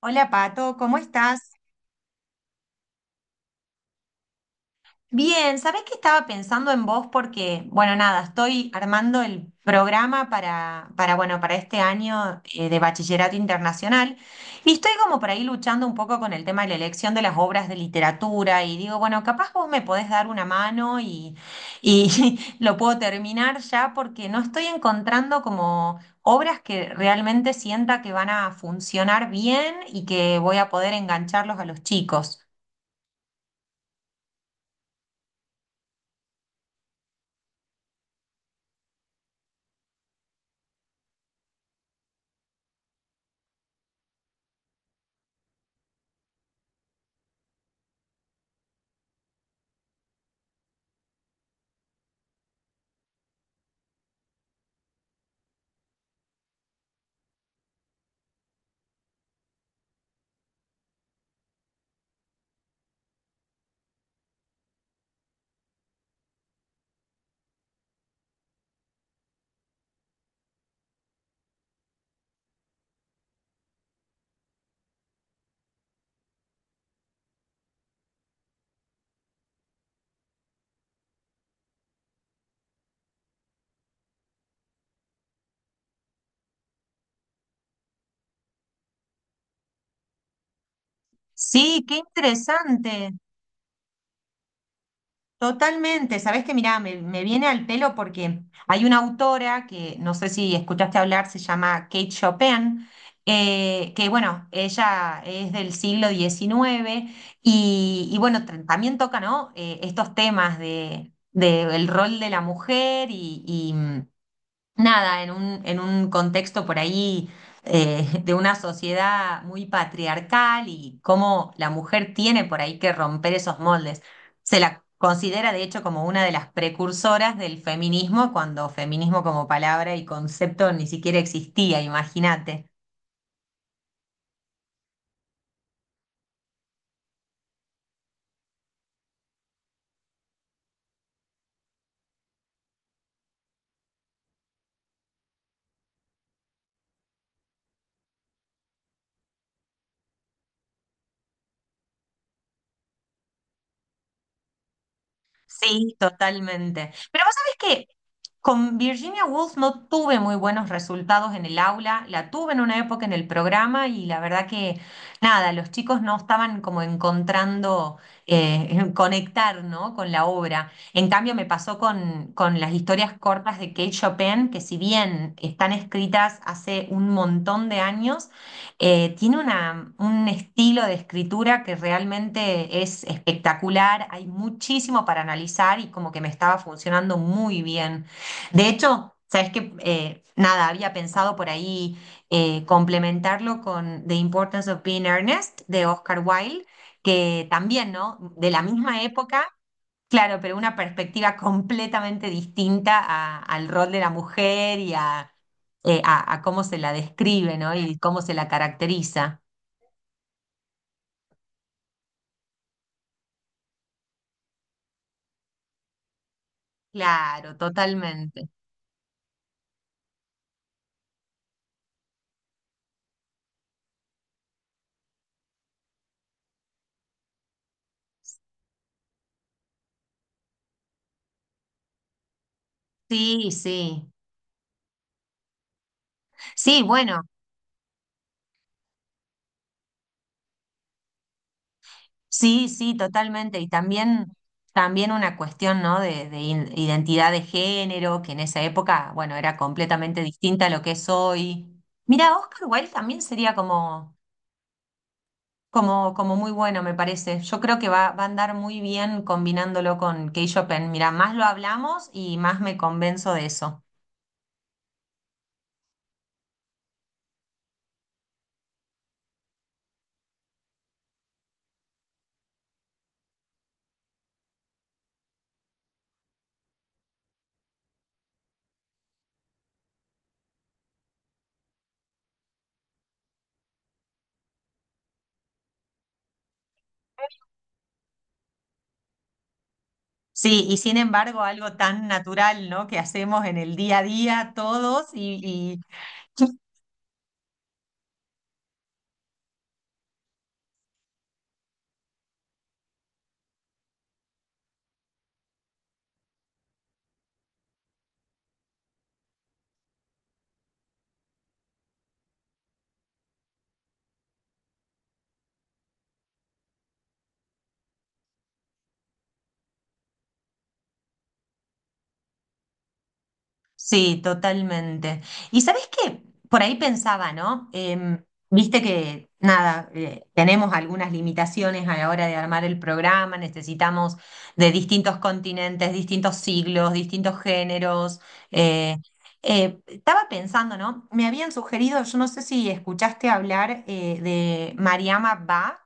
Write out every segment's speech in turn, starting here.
Hola Pato, ¿cómo estás? Bien, ¿sabés que estaba pensando en vos? Porque, bueno, nada, estoy armando el programa bueno, para este año de Bachillerato Internacional y estoy como por ahí luchando un poco con el tema de la elección de las obras de literatura y digo, bueno, capaz vos me podés dar una mano y lo puedo terminar ya porque no estoy encontrando como obras que realmente sienta que van a funcionar bien y que voy a poder engancharlos a los chicos. Sí, qué interesante. Totalmente. Sabés que, mirá, me viene al pelo porque hay una autora que no sé si escuchaste hablar, se llama Kate Chopin, que bueno, ella es del siglo 19 bueno, también toca, ¿no? Estos temas de el rol de la mujer y nada, en un contexto por ahí de una sociedad muy patriarcal y cómo la mujer tiene por ahí que romper esos moldes. Se la considera de hecho como una de las precursoras del feminismo, cuando feminismo como palabra y concepto ni siquiera existía, imagínate. Sí, totalmente. Pero vos sabés que con Virginia Woolf no tuve muy buenos resultados en el aula, la tuve en una época en el programa y la verdad que nada, los chicos no estaban como encontrando conectar, ¿no? Con la obra. En cambio me pasó con las historias cortas de Kate Chopin, que si bien están escritas hace un montón de años, tiene un estilo de escritura que realmente es espectacular, hay muchísimo para analizar y como que me estaba funcionando muy bien. De hecho, sabes que nada, había pensado por ahí complementarlo con The Importance of Being Earnest de Oscar Wilde, que también, ¿no? De la misma época. Claro, pero una perspectiva completamente distinta al rol de la mujer y a cómo se la describe, ¿no? Y cómo se la caracteriza. Claro, totalmente. Sí, sí. Sí, bueno, sí, sí, totalmente. Y también, también una cuestión, ¿no? De, identidad de género, que en esa época, bueno, era completamente distinta a lo que es hoy. Mira, Oscar Wilde también sería como como, como muy bueno, me parece. Yo creo que va a andar muy bien combinándolo con K-Shopen. Mira, más lo hablamos y más me convenzo de eso. Sí, y sin embargo, algo tan natural, ¿no? Que hacemos en el día a día todos y sí, totalmente. Y sabes qué, por ahí pensaba, ¿no? Viste que, nada, tenemos algunas limitaciones a la hora de armar el programa, necesitamos de distintos continentes, distintos siglos, distintos géneros. eh, estaba pensando, ¿no? Me habían sugerido, yo no sé si escuchaste hablar de Mariama Bach.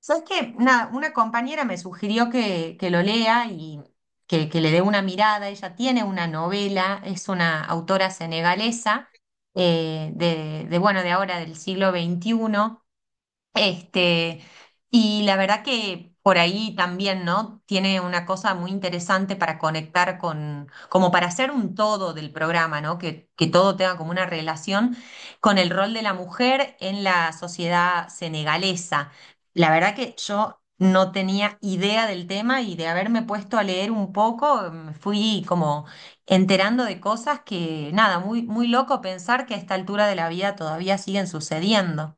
¿Sabes qué? Nada, una compañera me sugirió que lo lea y que le dé una mirada. Ella tiene una novela, es una autora senegalesa bueno, de ahora del siglo 21 este, y la verdad que por ahí también, ¿no? Tiene una cosa muy interesante para conectar con, como para hacer un todo del programa, ¿no? Que todo tenga como una relación con el rol de la mujer en la sociedad senegalesa. La verdad que yo no tenía idea del tema y de haberme puesto a leer un poco, me fui como enterando de cosas que, nada, muy, muy loco pensar que a esta altura de la vida todavía siguen sucediendo.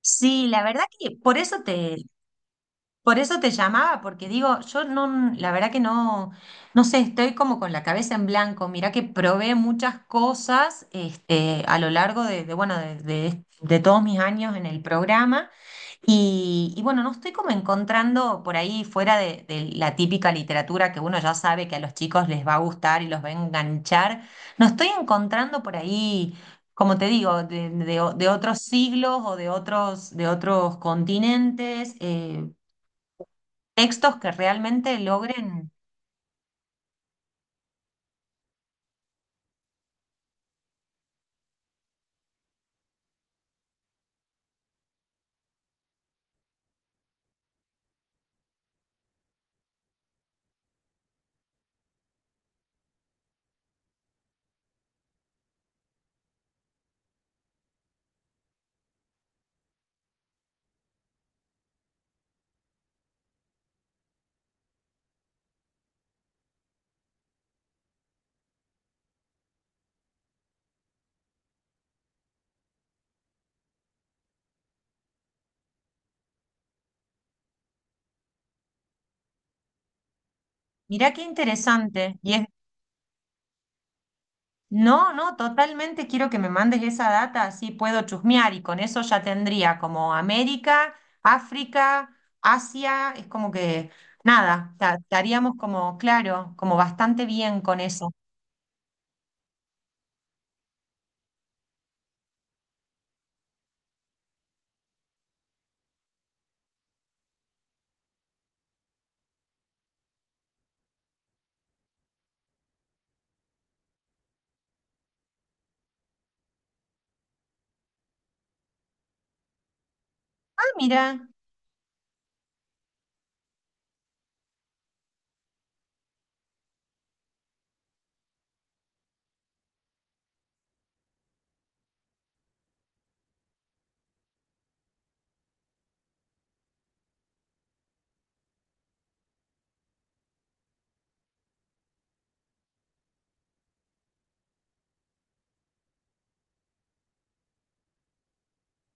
Sí, la verdad que por eso te llamaba, porque digo, yo no, la verdad que no, no sé, estoy como con la cabeza en blanco. Mirá que probé muchas cosas este, a lo largo bueno, de todos mis años en el programa. Y bueno, no estoy como encontrando por ahí fuera de la típica literatura que uno ya sabe que a los chicos les va a gustar y los va a enganchar. No estoy encontrando por ahí, como te digo, de otros siglos o de otros continentes. Textos que realmente logren. Mirá qué interesante. Y es, no, no, totalmente quiero que me mandes esa data, así puedo chusmear y con eso ya tendría como América, África, Asia, es como que nada, estaríamos como, claro, como bastante bien con eso. Ah, mira.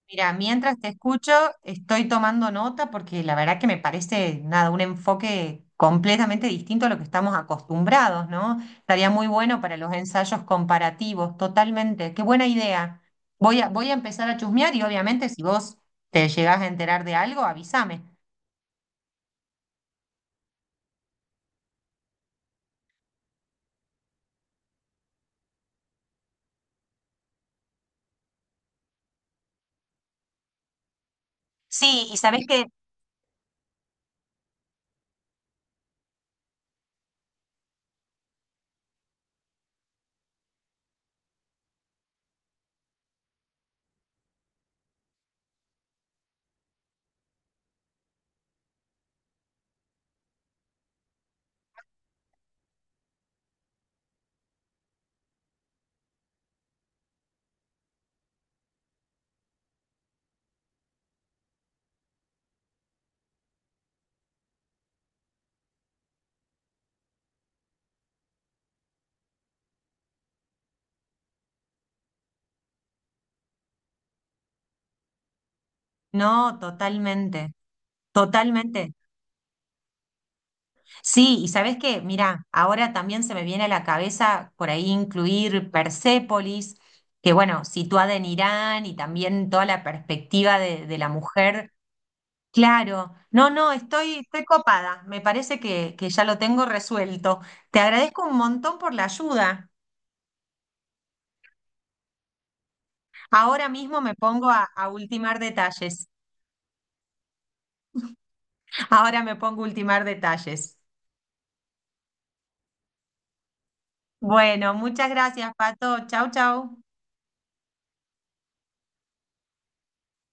Mira, mientras te escucho, estoy tomando nota porque la verdad que me parece nada, un enfoque completamente distinto a lo que estamos acostumbrados, ¿no? Estaría muy bueno para los ensayos comparativos, totalmente. Qué buena idea. Voy a empezar a chusmear y obviamente si vos te llegás a enterar de algo, avísame. Sí, y sabés que no, totalmente, totalmente. Sí, y sabes qué, mira, ahora también se me viene a la cabeza por ahí incluir Persépolis, que bueno, situada en Irán y también toda la perspectiva de la mujer. Claro, no, no, estoy, estoy copada, me parece que ya lo tengo resuelto. Te agradezco un montón por la ayuda. Ahora mismo me pongo a ultimar detalles. Ahora me pongo a ultimar detalles. Bueno, muchas gracias, Pato. Chau, chau.